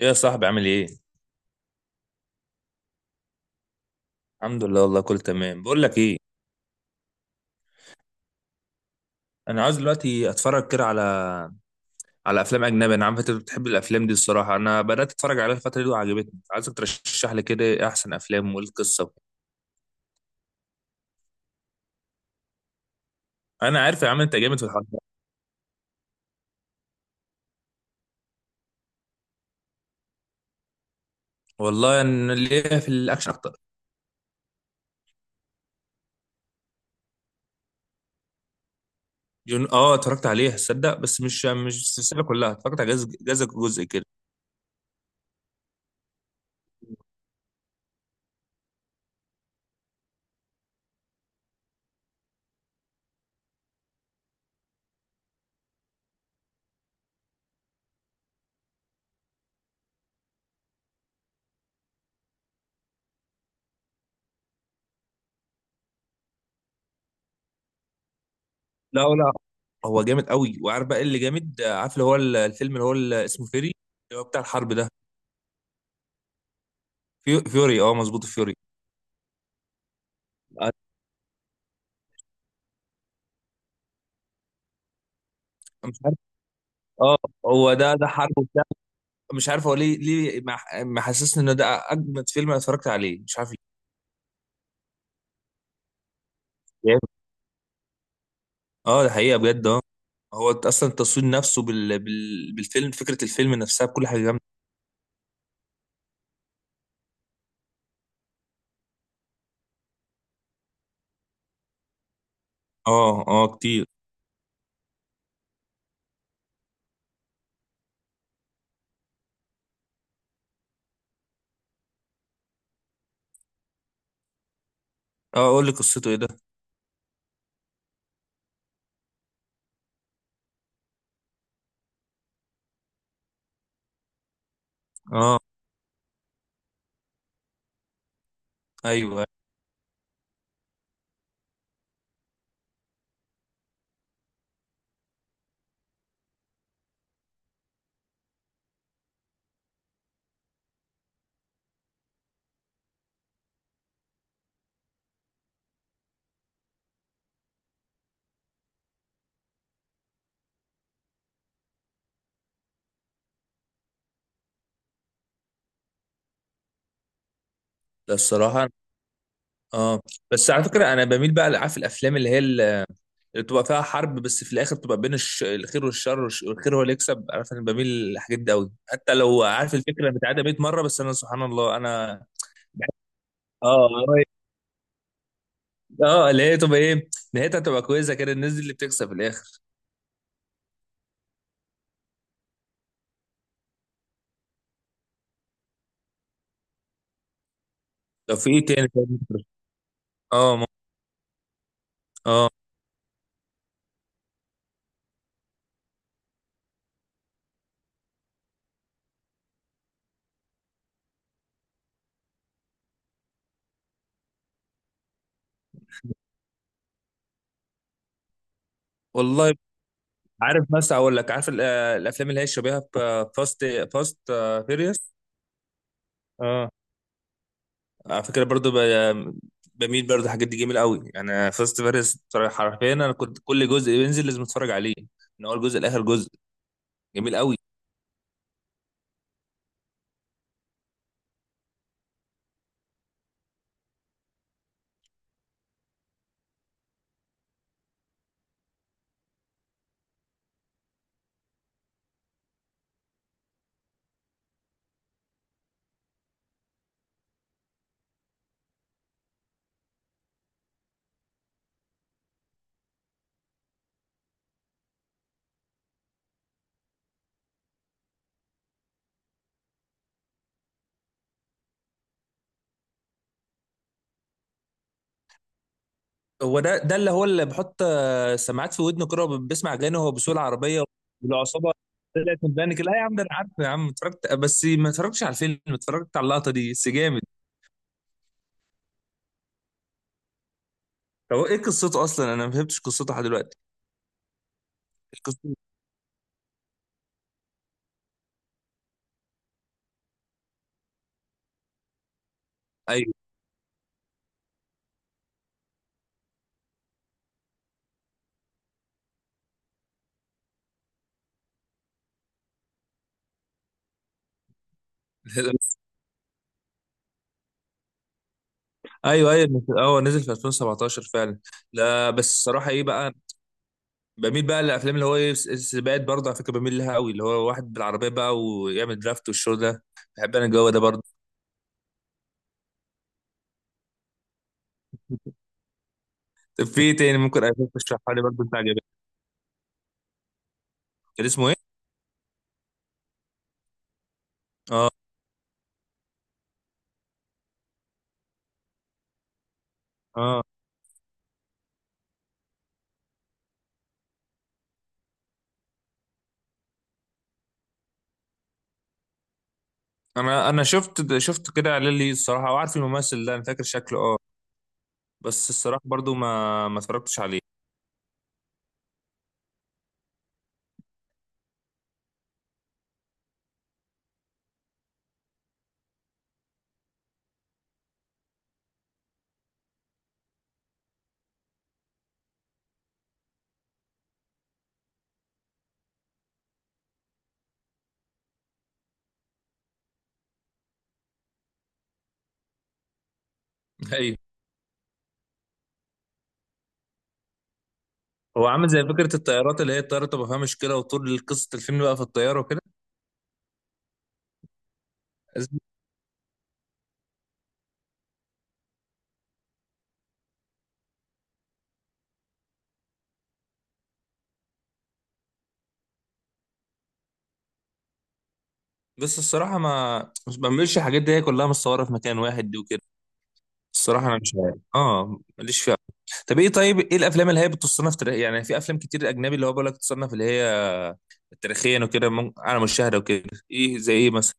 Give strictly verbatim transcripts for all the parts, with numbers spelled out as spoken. ايه يا صاحبي، عامل ايه؟ الحمد لله، والله كله تمام. بقول لك ايه، انا عايز دلوقتي اتفرج كده على على افلام اجنبي. انا عارف انت بتحب الافلام دي. الصراحه انا بدات اتفرج عليها الفتره دي وعجبتني، عايزك ترشح لي كده إيه احسن افلام وايه القصه وكده. انا عارف يا عم انت جامد في الحوار ده. والله انا ليا في الاكشن اكتر. جون، اه، اتفرجت عليها تصدق، بس مش مش السلسله كلها، اتفرجت على جزء جزء جزء كده. لا، لا. هو جامد قوي. وعارف بقى إيه اللي جامد؟ عارف اللي هو الفيلم اللي هو اللي اسمه فيري، اللي هو بتاع الحرب ده. فيو- فيوري، اه مظبوط، فيوري. مش عارف. اه، هو ده ده حرب وبتاع. مش عارف هو ليه ليه مح- محسسني ان ده اجمد فيلم انا اتفرجت عليه، مش عارف ليه. جامد. اه، ده حقيقه بجد، اه. هو اصلا التصوير نفسه بال... بال... بالفيلم، فكره الفيلم نفسها، بكل حاجه جامده. اه، اه، كتير. اه قول لي قصته، ايه ده؟ اه، ايوه. ده الصراحه، اه. بس على فكره، انا بميل بقى لعارف الافلام اللي هي اللي بتبقى فيها حرب، بس في الاخر بتبقى بين الش... الخير والشر، والش- والخير هو اللي يكسب. عارف انا بميل للحاجات دي قوي، حتى لو عارف الفكره متعاده مية مره، بس انا سبحان الله انا اه هو- اه اللي هي تبقى ايه نهايتها، تبقى كويسه كده، الناس دي اللي بتكسب في الاخر. طب في ايه تاني؟ طيب ممكن- اه ممكن- اه، والله. عارف مثلا، اقول لك، عارف ال- آه، الافلام اللي هي شبيهه فاست، فاست فيريوس. اه. على فكره برضو، ب- بميل برضو الحاجات دي جميله قوي، يعني فاست فيريوس. حرفيا انا كنت كل جزء بينزل لازم اتفرج عليه، من اول جزء لاخر جزء. جميل قوي. هو ده ده اللي هو اللي بحط آه، سماعات في ودنه كده وبيسمع اغاني وهو بيسوق العربيه، والعصابه طلعت من بانك. لا يا عم، ده انا عارف يا عم، اتفرجت، بس ما اتفرجتش على الفيلم، اتفرجت على اللقطه دي بس، جامد. هو ايه قصته اصلا؟ انا ما فهمتش قصته لحد دلوقتي. قصته، ايوه. ايوه، ايوه، اه، نزل في ألفين وسبعتاشر فعلا. لا بس الصراحه ايه بقى، بميل بقى للافلام اللي هو ايه س- سباقات برضه. على فكره بميل لها قوي، اللي هو واحد بالعربيه بقى ويعمل درافت والشو ده. بحب انا الجو ده برضه. طب في إيه تاني ممكن اشوف، تشرحها لي برضه انت عجبك؟ كان اسمه ايه؟ اه. انا انا شفت شفت كده اعلان ليه الصراحه، وعارف الممثل ده انا فاكر شكله، اه. بس الصراحه برضو ما ما اتفرجتش عليه. ايوه. هو عامل زي فكره الطيارات، اللي هي الطياره تبقى فيها مشكله وطول قصه الفيلم بقى في الطياره وكده. بس الصراحه ما ما بعملش الحاجات دي، هي كلها متصوره في مكان واحد دي وكده. الصراحه انا مش عارف، اه، ماليش فيها. طب ايه، طيب ايه الافلام اللي هي بتصنف تاريخ يعني؟ في افلام كتير اجنبي اللي هو بقول لك تصنف اللي هي تاريخيا وكده، مم- على مشاهده وكده، ايه زي ايه مثلا؟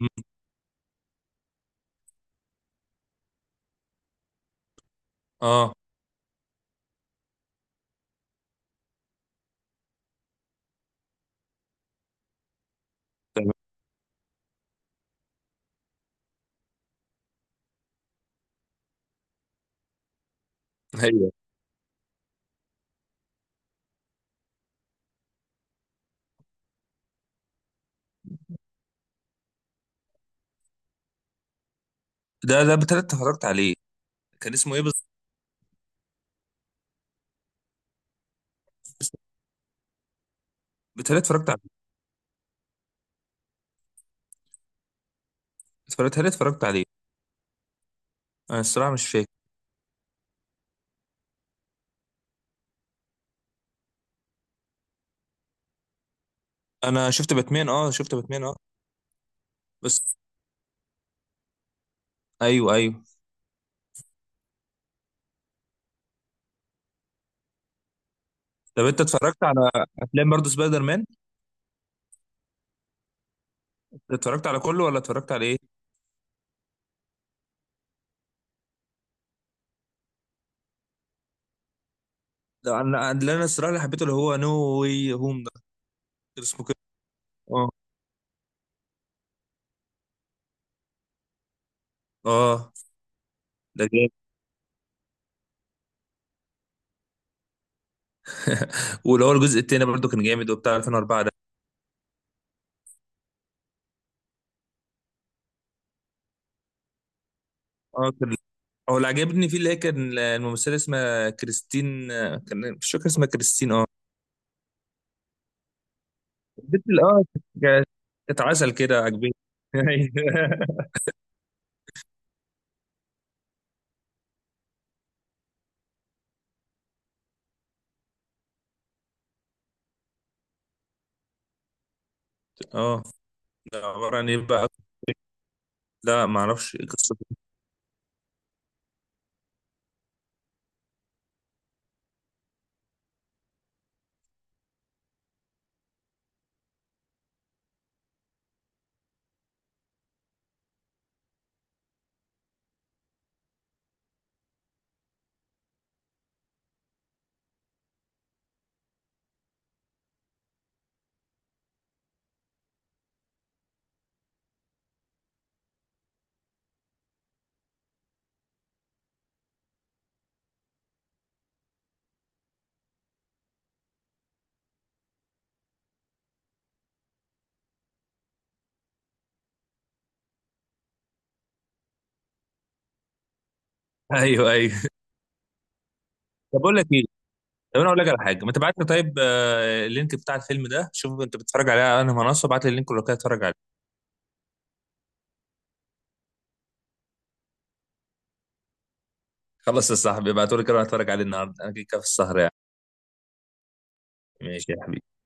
مم. اه تمام. أيوه. ده ده بالتالي اتفرجت عليه. كان اسمه ايه بالظبط؟ بالتالي اتفرجت عليه. بالتالي اتفرجت عليه. انا الصراحه مش فاكر. انا شفت باتمان، اه، شفت باتمان، اه. بس ايوه، ايوه. طب انت اتفرجت على افلام برضو سبايدر مان؟ اتفرجت على كله ولا اتفرجت على ايه؟ ده انا اللي انا الصراحه اللي حبيته اللي هو نو واي هوم ده. كان اسمه كده، اه. اه. ده جامد. واللي هو الجزء التاني برضو كان جامد، وبتاع ألفين وأربعة ده. اه، كان هو اللي عجبني فيه اللي هي كان الممثله اسمها كريستين. كان مش فاكر اسمها، كريستين، اه. بيتل، اه. ك- كانت عسل كده، عجبتني. أيوة. اه، ده عباره عن ايه بقى؟ لا ما اعرفش قصته. ايوه، ايوه. طب اقول لك ايه، طب انا اقول لك على حاجه، ما تبعت لي طيب آه، اللينك بتاع الفيلم ده. شوف انت بتتفرج عليه على انهي منصه، ابعت لي اللينك ولو كده اتفرج عليه. خلص يا صاحبي، ابعته لي كده اتفرج عليه النهارده، انا كده كده في السهر يعني. ماشي يا حبيبي.